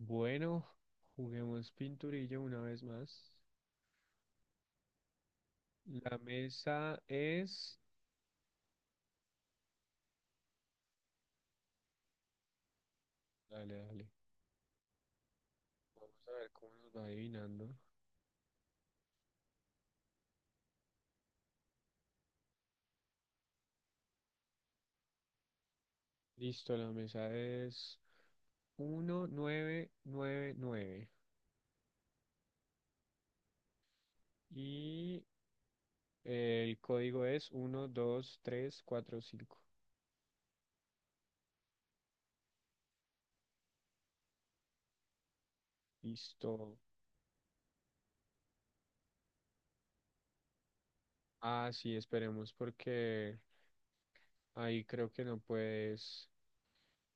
Bueno, juguemos pinturillo una vez más. La mesa es... Dale, dale. Vamos a ver cómo nos va adivinando. Listo, la mesa es 1999 y nueve. Y el código es 12345. Listo. Ah, sí, esperemos porque ahí creo que no puedes.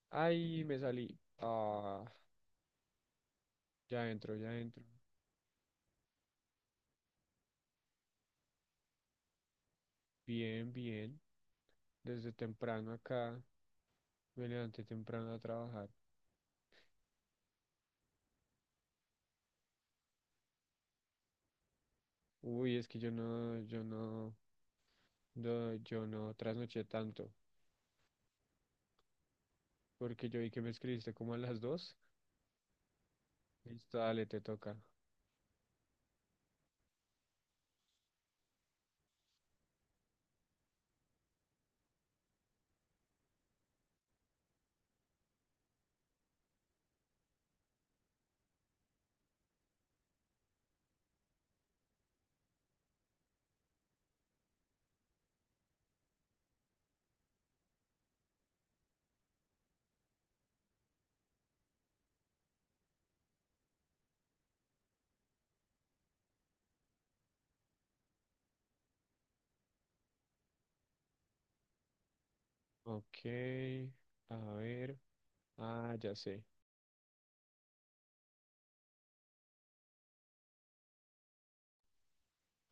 Ahí me salí. Ah, ya entro, ya entro. Bien, bien. Desde temprano acá. Me levanté temprano a trabajar. Uy, es que yo no trasnoché tanto, porque yo vi que me escribiste como a las dos. Listo, dale, te toca. Ok, a ver. Ah, ya sé.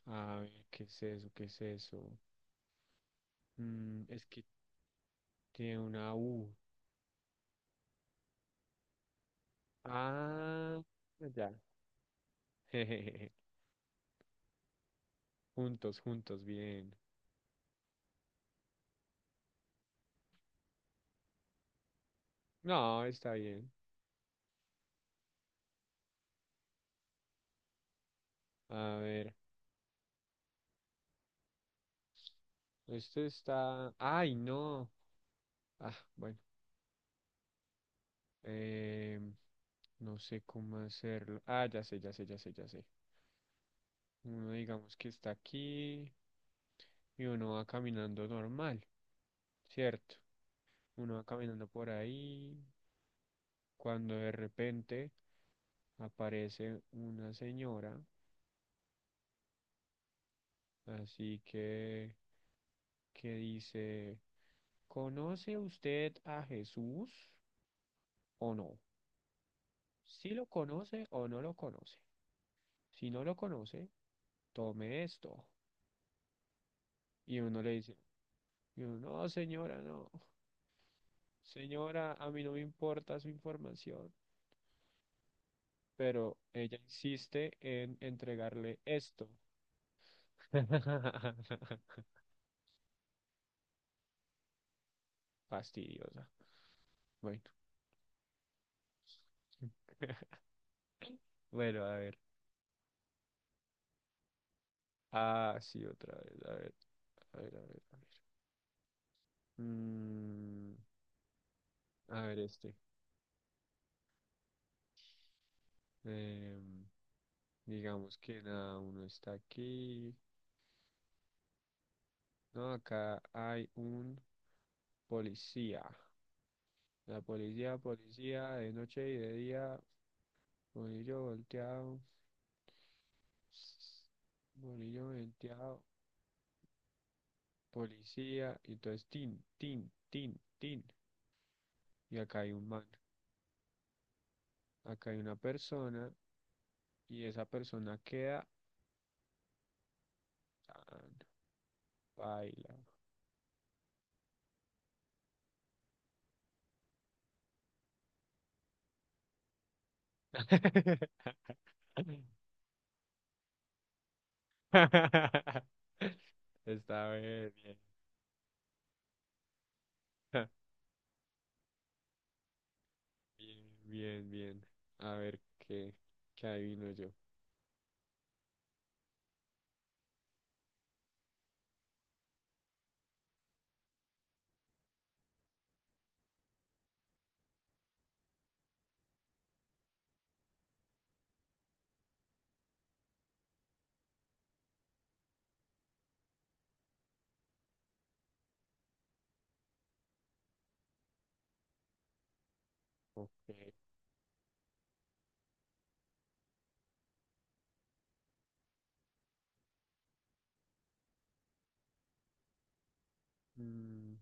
A ver, ¿qué es eso? ¿Qué es eso? Mm, es que tiene una U. Ah, ya. Juntos, juntos, bien. No, está bien. A ver, esto está... Ay, no. Ah, bueno. em, No sé cómo hacerlo. Ah, ya sé, ya sé, ya sé, ya sé. Uno digamos que está aquí y uno va caminando normal, ¿cierto? Uno va caminando por ahí cuando de repente aparece una señora, así que dice, ¿conoce usted a Jesús o no? Si lo conoce o no lo conoce. Si no lo conoce, tome esto. Y uno le dice, y uno, no, señora, no. Señora, a mí no me importa su información, pero ella insiste en entregarle esto. Fastidiosa. Bueno, bueno, a ver. Ah, sí, otra vez. A ver, a ver, a ver, a ver. Mm, a ver este. Em, digamos que nada, uno está aquí. No, acá hay un policía. La policía, policía, de noche y de día, bolillo volteado. Bolillo venteado, policía, y entonces tin, tin, tin, tin. Y acá hay un man, acá hay una persona, y esa persona queda, ah, no, baila. Está bien, bien. Bien, bien, bien. A ver qué adivino yo. Ok. Mm,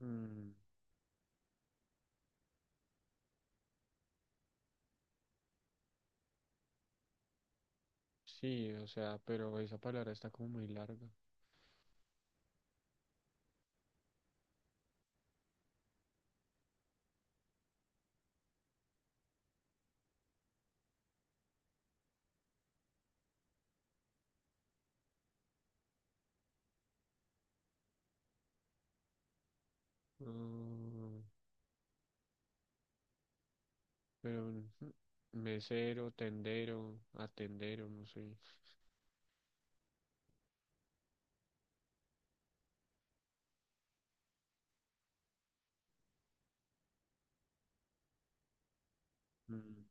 mm, sí, o sea, pero esa palabra está como muy larga. Mm, pero ujú, mesero, tendero, atendero, no sé. Mm,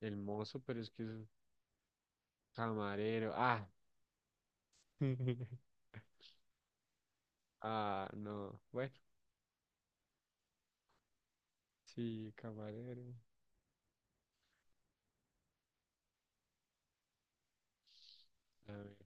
el mozo, pero es que es camarero. Ah, ah, no. Bueno, sí, camarero. A ver,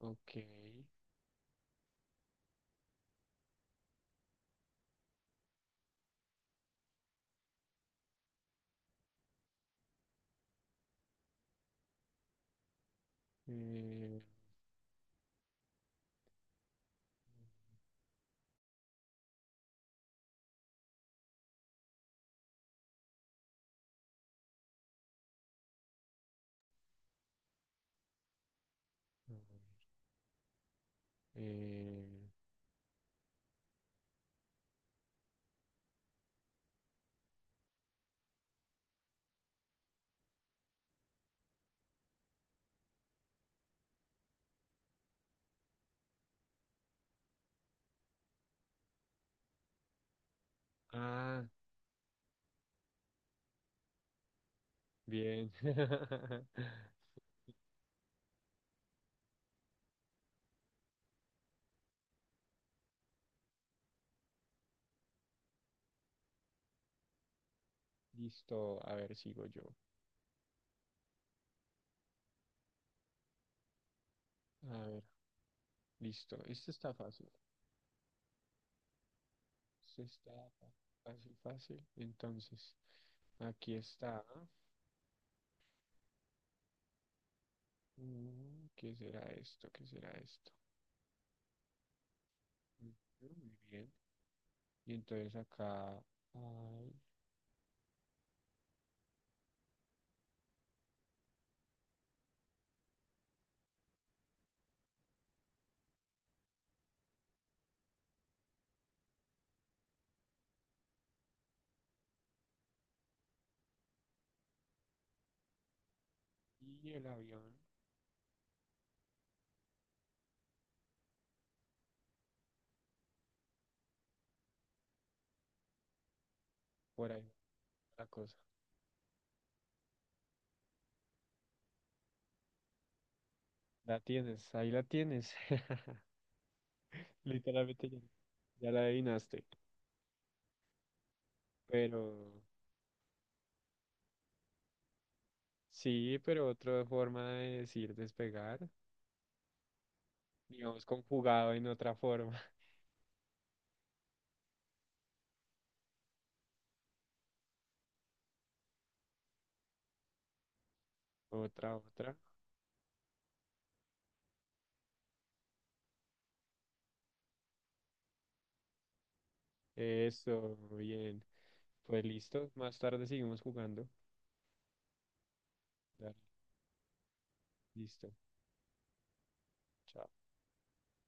ok. A ver, eh, ah, bien. Listo. A ver, sigo yo. A ver, listo. Este está fácil. Este está fa- fácil, fácil. Entonces, aquí está. Mm, ¿qué será esto? ¿Qué será esto? Ujú, muy bien. Y entonces acá, ay, y el avión, por ahí, la cosa. La tienes, ahí la tienes. Literalmente ya, ya la adivinaste. Pero, sí, pero otra forma de decir despegar, digamos conjugado en otra forma. Otra, otra. Eso, muy bien. Pues listo, más tarde seguimos jugando. Dale, listo. Chao.